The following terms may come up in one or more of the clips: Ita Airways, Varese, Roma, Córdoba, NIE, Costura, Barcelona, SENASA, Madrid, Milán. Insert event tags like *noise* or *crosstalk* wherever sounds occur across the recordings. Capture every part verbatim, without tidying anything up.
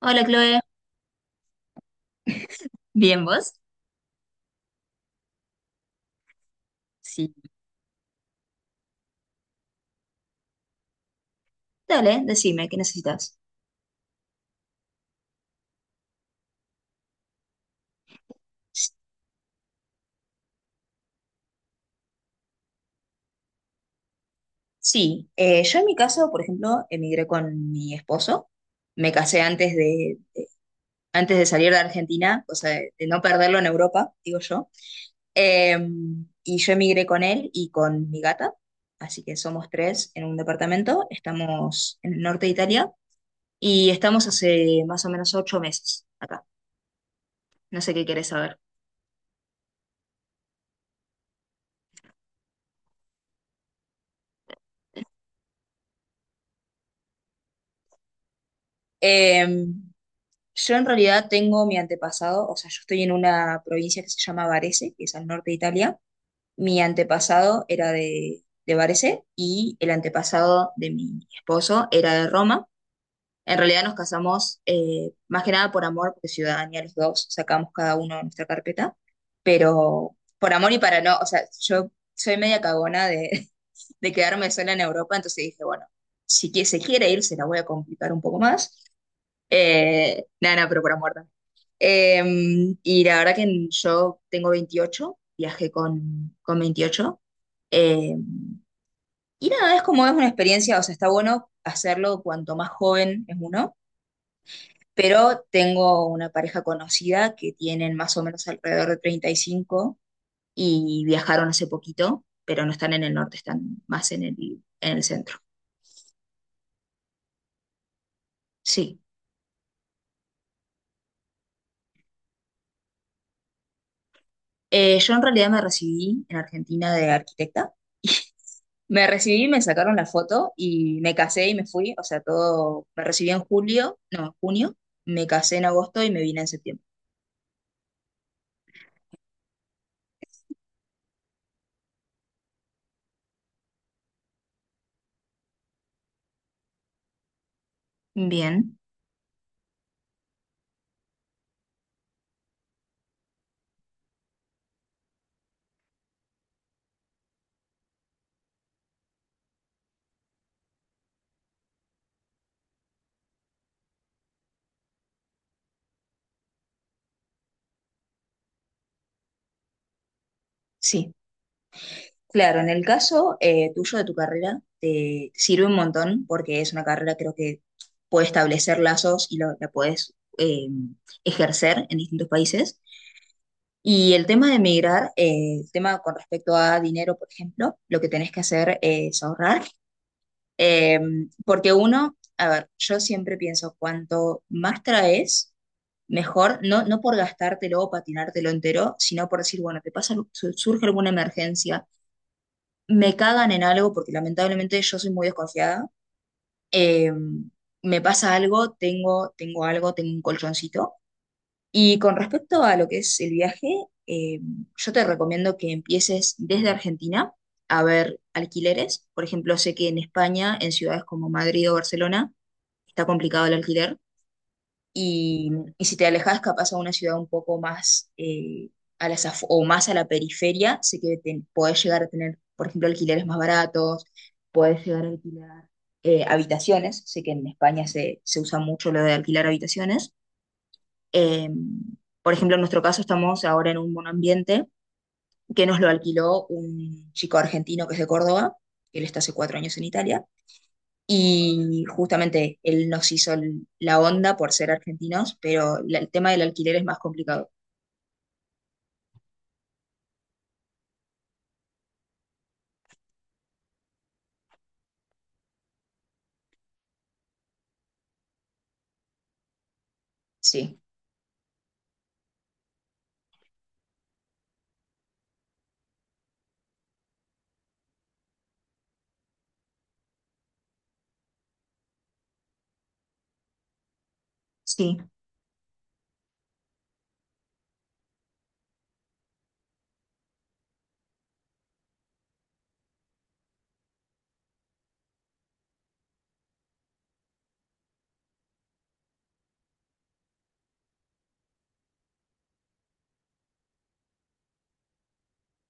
Hola, Chloe. ¿Bien vos? Sí. Dale, decime, ¿qué necesitas? Sí, eh, yo en mi caso, por ejemplo, emigré con mi esposo. Me casé antes de, antes de salir de Argentina, o sea, de de no perderlo en Europa, digo yo. Eh, y yo emigré con él y con mi gata, así que somos tres en un departamento. Estamos en el norte de Italia y estamos hace más o menos ocho meses acá. No sé qué querés saber. Eh, Yo en realidad tengo mi antepasado, o sea, yo estoy en una provincia que se llama Varese, que es al norte de Italia. Mi antepasado era de, de Varese y el antepasado de mi esposo era de Roma. En realidad nos casamos eh, más que nada por amor, porque ciudadanía los dos, sacamos cada uno nuestra carpeta, pero por amor y para no, o sea, yo soy media cagona de, *laughs* de quedarme sola en Europa, entonces dije, bueno, si que se quiere ir, se la voy a complicar un poco más. Eh, nada, nada, pero por amor también. Eh, y la verdad que yo tengo veintiocho, viajé con, con veintiocho. Eh, y nada, es como es una experiencia, o sea, está bueno hacerlo cuanto más joven es uno, pero tengo una pareja conocida que tienen más o menos alrededor de treinta y cinco y cinco y viajaron hace poquito, pero no están en el norte, están más en el, en el centro. Sí. Eh, yo en realidad me recibí en Argentina de arquitecta. *laughs* Me recibí, me sacaron la foto y me casé y me fui. O sea, todo, me recibí en julio, no, en junio, me casé en agosto y me vine en septiembre. Bien, sí. Claro, en el caso eh, tuyo de tu carrera, te sirve un montón porque es una carrera creo que puede establecer lazos y lo- la puedes eh, ejercer en distintos países. Y el tema de emigrar, eh, el tema con respecto a dinero, por ejemplo, lo que tenés que hacer es ahorrar. Eh, Porque uno, a ver, yo siempre pienso, cuanto más traes, mejor, no, no por gastártelo o patinártelo entero, sino por decir, bueno, te pasa, algo- su- surge alguna emergencia, me cagan en algo, porque lamentablemente yo soy muy desconfiada, eh, me pasa algo, tengo, tengo algo, tengo un colchoncito. Y con respecto a lo que es el viaje, eh, yo te recomiendo que empieces desde Argentina a ver alquileres. Por ejemplo, sé que en España, en ciudades como Madrid o Barcelona, está complicado el alquiler. Y, y si te alejas capaz a una ciudad un poco más eh, a las afo- o más a la periferia, sé que te- podés llegar a tener, por ejemplo, alquileres más baratos, podés llegar a alquilar eh, habitaciones. Sé que en España se, se usa mucho lo de alquilar habitaciones. Eh, por ejemplo, en nuestro caso estamos ahora en un monoambiente que nos lo alquiló un chico argentino que es de Córdoba, él está hace cuatro años en Italia y justamente él nos hizo el- la onda por ser argentinos, pero la- el tema del alquiler es más complicado. Sí, sí.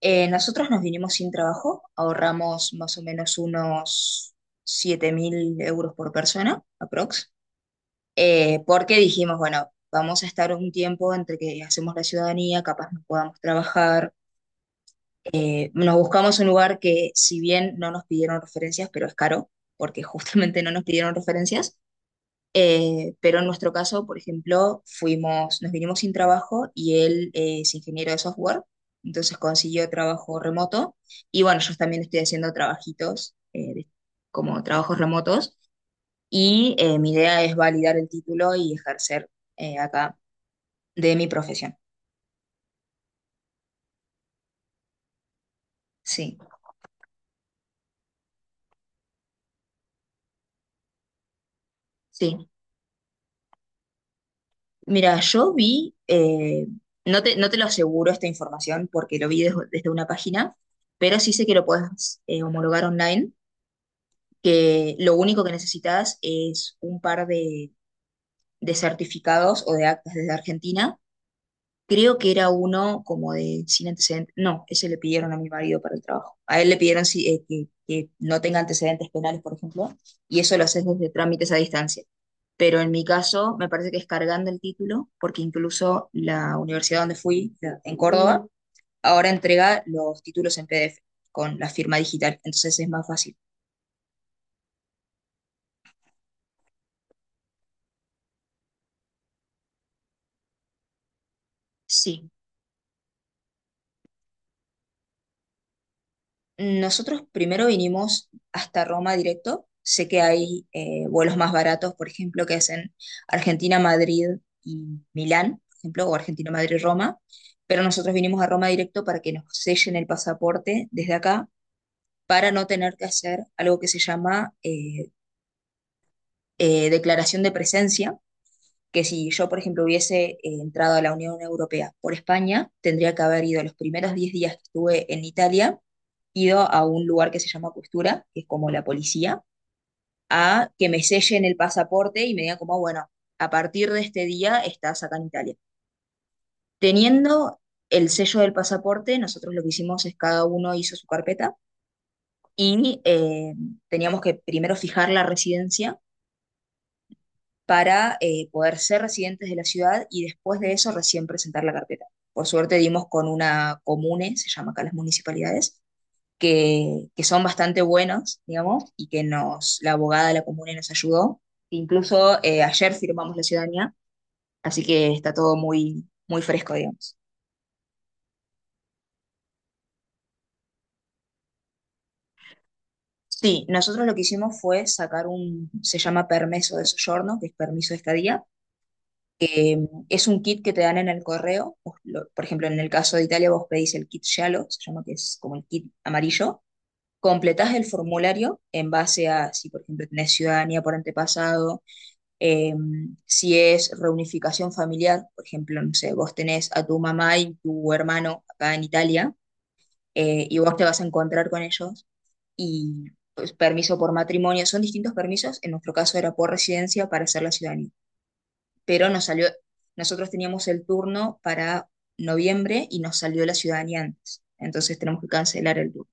Eh, nosotros nos vinimos sin trabajo, ahorramos más o menos unos siete mil euros por persona, aprox, eh, porque dijimos, bueno, vamos a estar un tiempo entre que hacemos la ciudadanía, capaz no podamos trabajar. Eh, nos buscamos un lugar que, si bien no nos pidieron referencias, pero es caro, porque *laughs* justamente no nos pidieron referencias. Eh, pero en nuestro caso, por ejemplo, fuimos, nos vinimos sin trabajo y él eh, es ingeniero de software, entonces consiguió trabajo remoto. Y bueno, yo también estoy haciendo trabajitos eh, de- como trabajos remotos y eh, mi idea es validar el título y ejercer eh, acá de mi profesión. Sí, sí. Mira, yo vi, eh, no te, no te lo aseguro esta información porque lo vi desde desde una página, pero sí sé que lo puedes eh, homologar online, que lo único que necesitas es un par de, de certificados o de actas desde Argentina. Creo que era uno como de sin antecedentes. No, ese le pidieron a mi marido para el trabajo. A él le pidieron sí, eh, que, que no tenga antecedentes penales, por ejemplo, y eso lo haces desde trámites a distancia. Pero en mi caso, me parece que es cargando el título, porque incluso la universidad donde fui, la- en Córdoba, ahora entrega los títulos en P D F con la firma digital, entonces es más fácil. Sí. Nosotros primero vinimos hasta Roma directo. Sé que hay eh, vuelos más baratos, por ejemplo, que hacen Argentina-Madrid y Milán, por ejemplo, o Argentina-Madrid-Roma, pero nosotros vinimos a Roma directo para que nos sellen el pasaporte desde acá, para no tener que hacer algo que se llama eh, eh, declaración de presencia, que si yo, por ejemplo, hubiese eh, entrado a la Unión Europea por España, tendría que haber ido los primeros diez días que estuve en Italia, ido a un lugar que se llama Costura, que es como la policía, a que me sellen el pasaporte y me digan como, bueno, a partir de este día estás acá en Italia. Teniendo el sello del pasaporte, nosotros lo que hicimos es cada uno hizo su carpeta y eh, teníamos que primero fijar la residencia para eh, poder ser residentes de la ciudad y después de eso recién presentar la carpeta. Por suerte dimos con una comune, se llama acá las municipalidades, que, que son bastante buenos, digamos, y que nos, la abogada de la comuna nos ayudó. Incluso eh, ayer firmamos la ciudadanía, así que está todo muy, muy fresco, digamos. Sí, nosotros lo que hicimos fue sacar un, se llama permiso de soggiorno, que es permiso de estadía. Eh, es un kit que te dan en el correo. Vos lo- por ejemplo, en el caso de Italia, vos pedís el kit Shallow, se llama, que es como el kit amarillo. Completás el formulario en base a si, por ejemplo, tenés ciudadanía por antepasado. Eh, si es reunificación familiar, por ejemplo, no sé, vos tenés a tu mamá y tu hermano acá en Italia, eh, y vos te vas a encontrar con ellos y pues, permiso por matrimonio, son distintos permisos, en nuestro caso era por residencia para hacer la ciudadanía, pero nos salió, nosotros teníamos el turno para noviembre y nos salió la ciudadanía antes, entonces tenemos que cancelar el turno.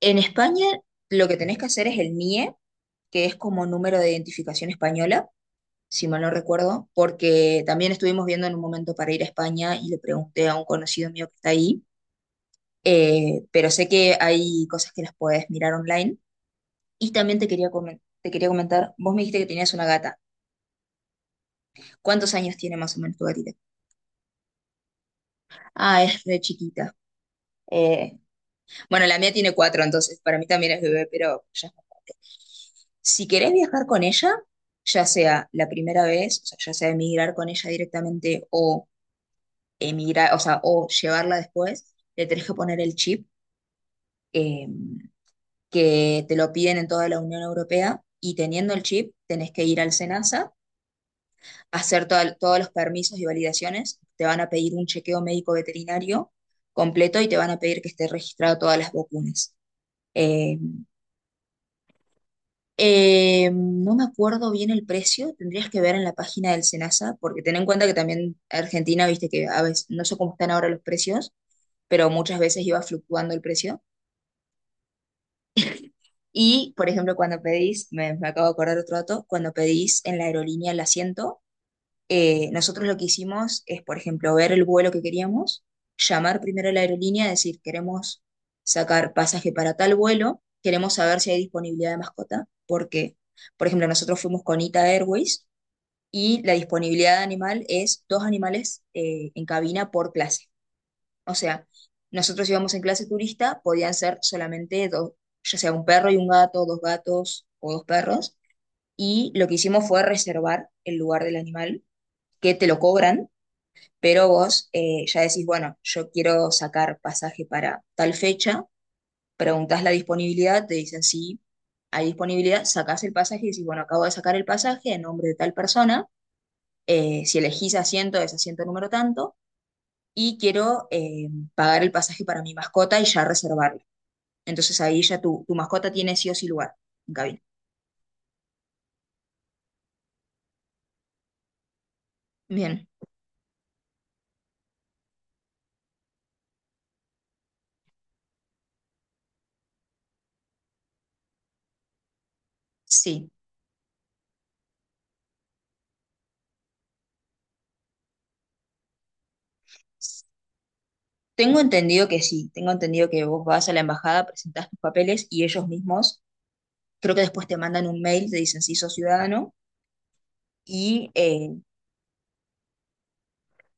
En España lo que tenés que hacer es el N I E, que es como número de identificación española, si mal no recuerdo, porque también estuvimos viendo en un momento para ir a España y le pregunté a un conocido mío que está ahí, eh, pero sé que hay cosas que las puedes mirar online. Y también te quería comentar. Te quería comentar, vos me dijiste que tenías una gata. ¿Cuántos años tiene más o menos tu gatita? Ah, es re chiquita. Eh, bueno, la mía tiene cuatro, entonces para mí también es bebé, pero ya. Si querés viajar con ella, ya sea la primera vez, o sea, ya sea emigrar con ella directamente o emigrar, o sea, o llevarla después, le tenés que poner el chip, eh, que te lo piden en toda la Unión Europea y teniendo el chip tenés que ir al SENASA, hacer to- todos los permisos y validaciones, te van a pedir un chequeo médico veterinario completo y te van a pedir que esté registrado todas las vacunas. Eh, eh, no me acuerdo bien el precio, tendrías que ver en la página del SENASA, porque ten en cuenta que también Argentina, viste que a veces, no sé cómo están ahora los precios, pero muchas veces iba fluctuando el precio. Y, por ejemplo, cuando pedís, me, me acabo de acordar otro dato, cuando pedís en la aerolínea el asiento, eh, nosotros lo que hicimos es, por ejemplo, ver el vuelo que queríamos, llamar primero a la aerolínea, decir, queremos sacar pasaje para tal vuelo, queremos saber si hay disponibilidad de mascota, porque, por ejemplo, nosotros fuimos con Ita Airways y la disponibilidad de animal es dos animales eh, en cabina por clase. O sea, nosotros íbamos en clase turista, podían ser solamente dos, ya sea un perro y un gato, dos gatos o dos perros. Y lo que hicimos fue reservar el lugar del animal, que te lo cobran, pero vos eh, ya decís, bueno, yo quiero sacar pasaje para tal fecha, preguntás la disponibilidad, te dicen sí, hay disponibilidad, sacás el pasaje y decís, bueno, acabo de sacar el pasaje en nombre de tal persona, eh, si elegís asiento es asiento número tanto, y quiero eh, pagar el pasaje para mi mascota y ya reservar. Entonces ahí ya tu, tu mascota tiene sí o sí lugar en cabina. Bien, sí. Tengo entendido que sí, tengo entendido que vos vas a la embajada, presentás tus papeles y ellos mismos, creo que después te mandan un mail, te dicen si sos ciudadano y eh,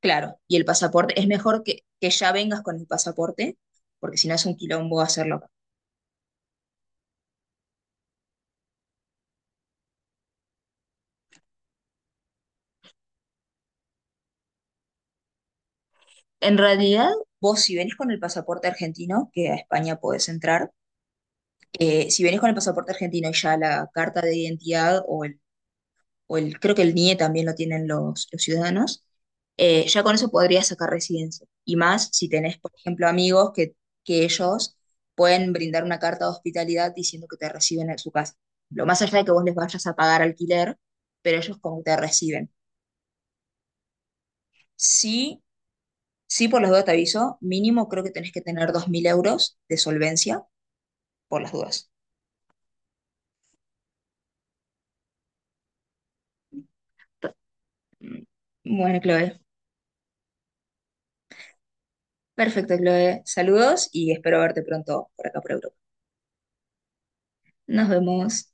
claro, y el pasaporte, es mejor que, que ya vengas con el pasaporte, porque si no es un quilombo hacerlo acá. En realidad, vos si venís con el pasaporte argentino, que a España podés entrar, eh, si venís con el pasaporte argentino y ya la carta de identidad o el o el, creo que el N I E también lo tienen los, los ciudadanos, eh, ya con eso podrías sacar residencia. Y más si tenés, por ejemplo, amigos que, que ellos pueden brindar una carta de hospitalidad diciendo que te reciben en su casa. Lo más allá de que vos les vayas a pagar alquiler, pero ellos como que te reciben. Sí, sí, por las dudas te aviso, mínimo creo que tenés que tener dos mil euros de solvencia por las dudas. P- Bueno, Chloe. Perfecto, Chloe. Saludos y espero verte pronto por acá por Europa. Nos vemos.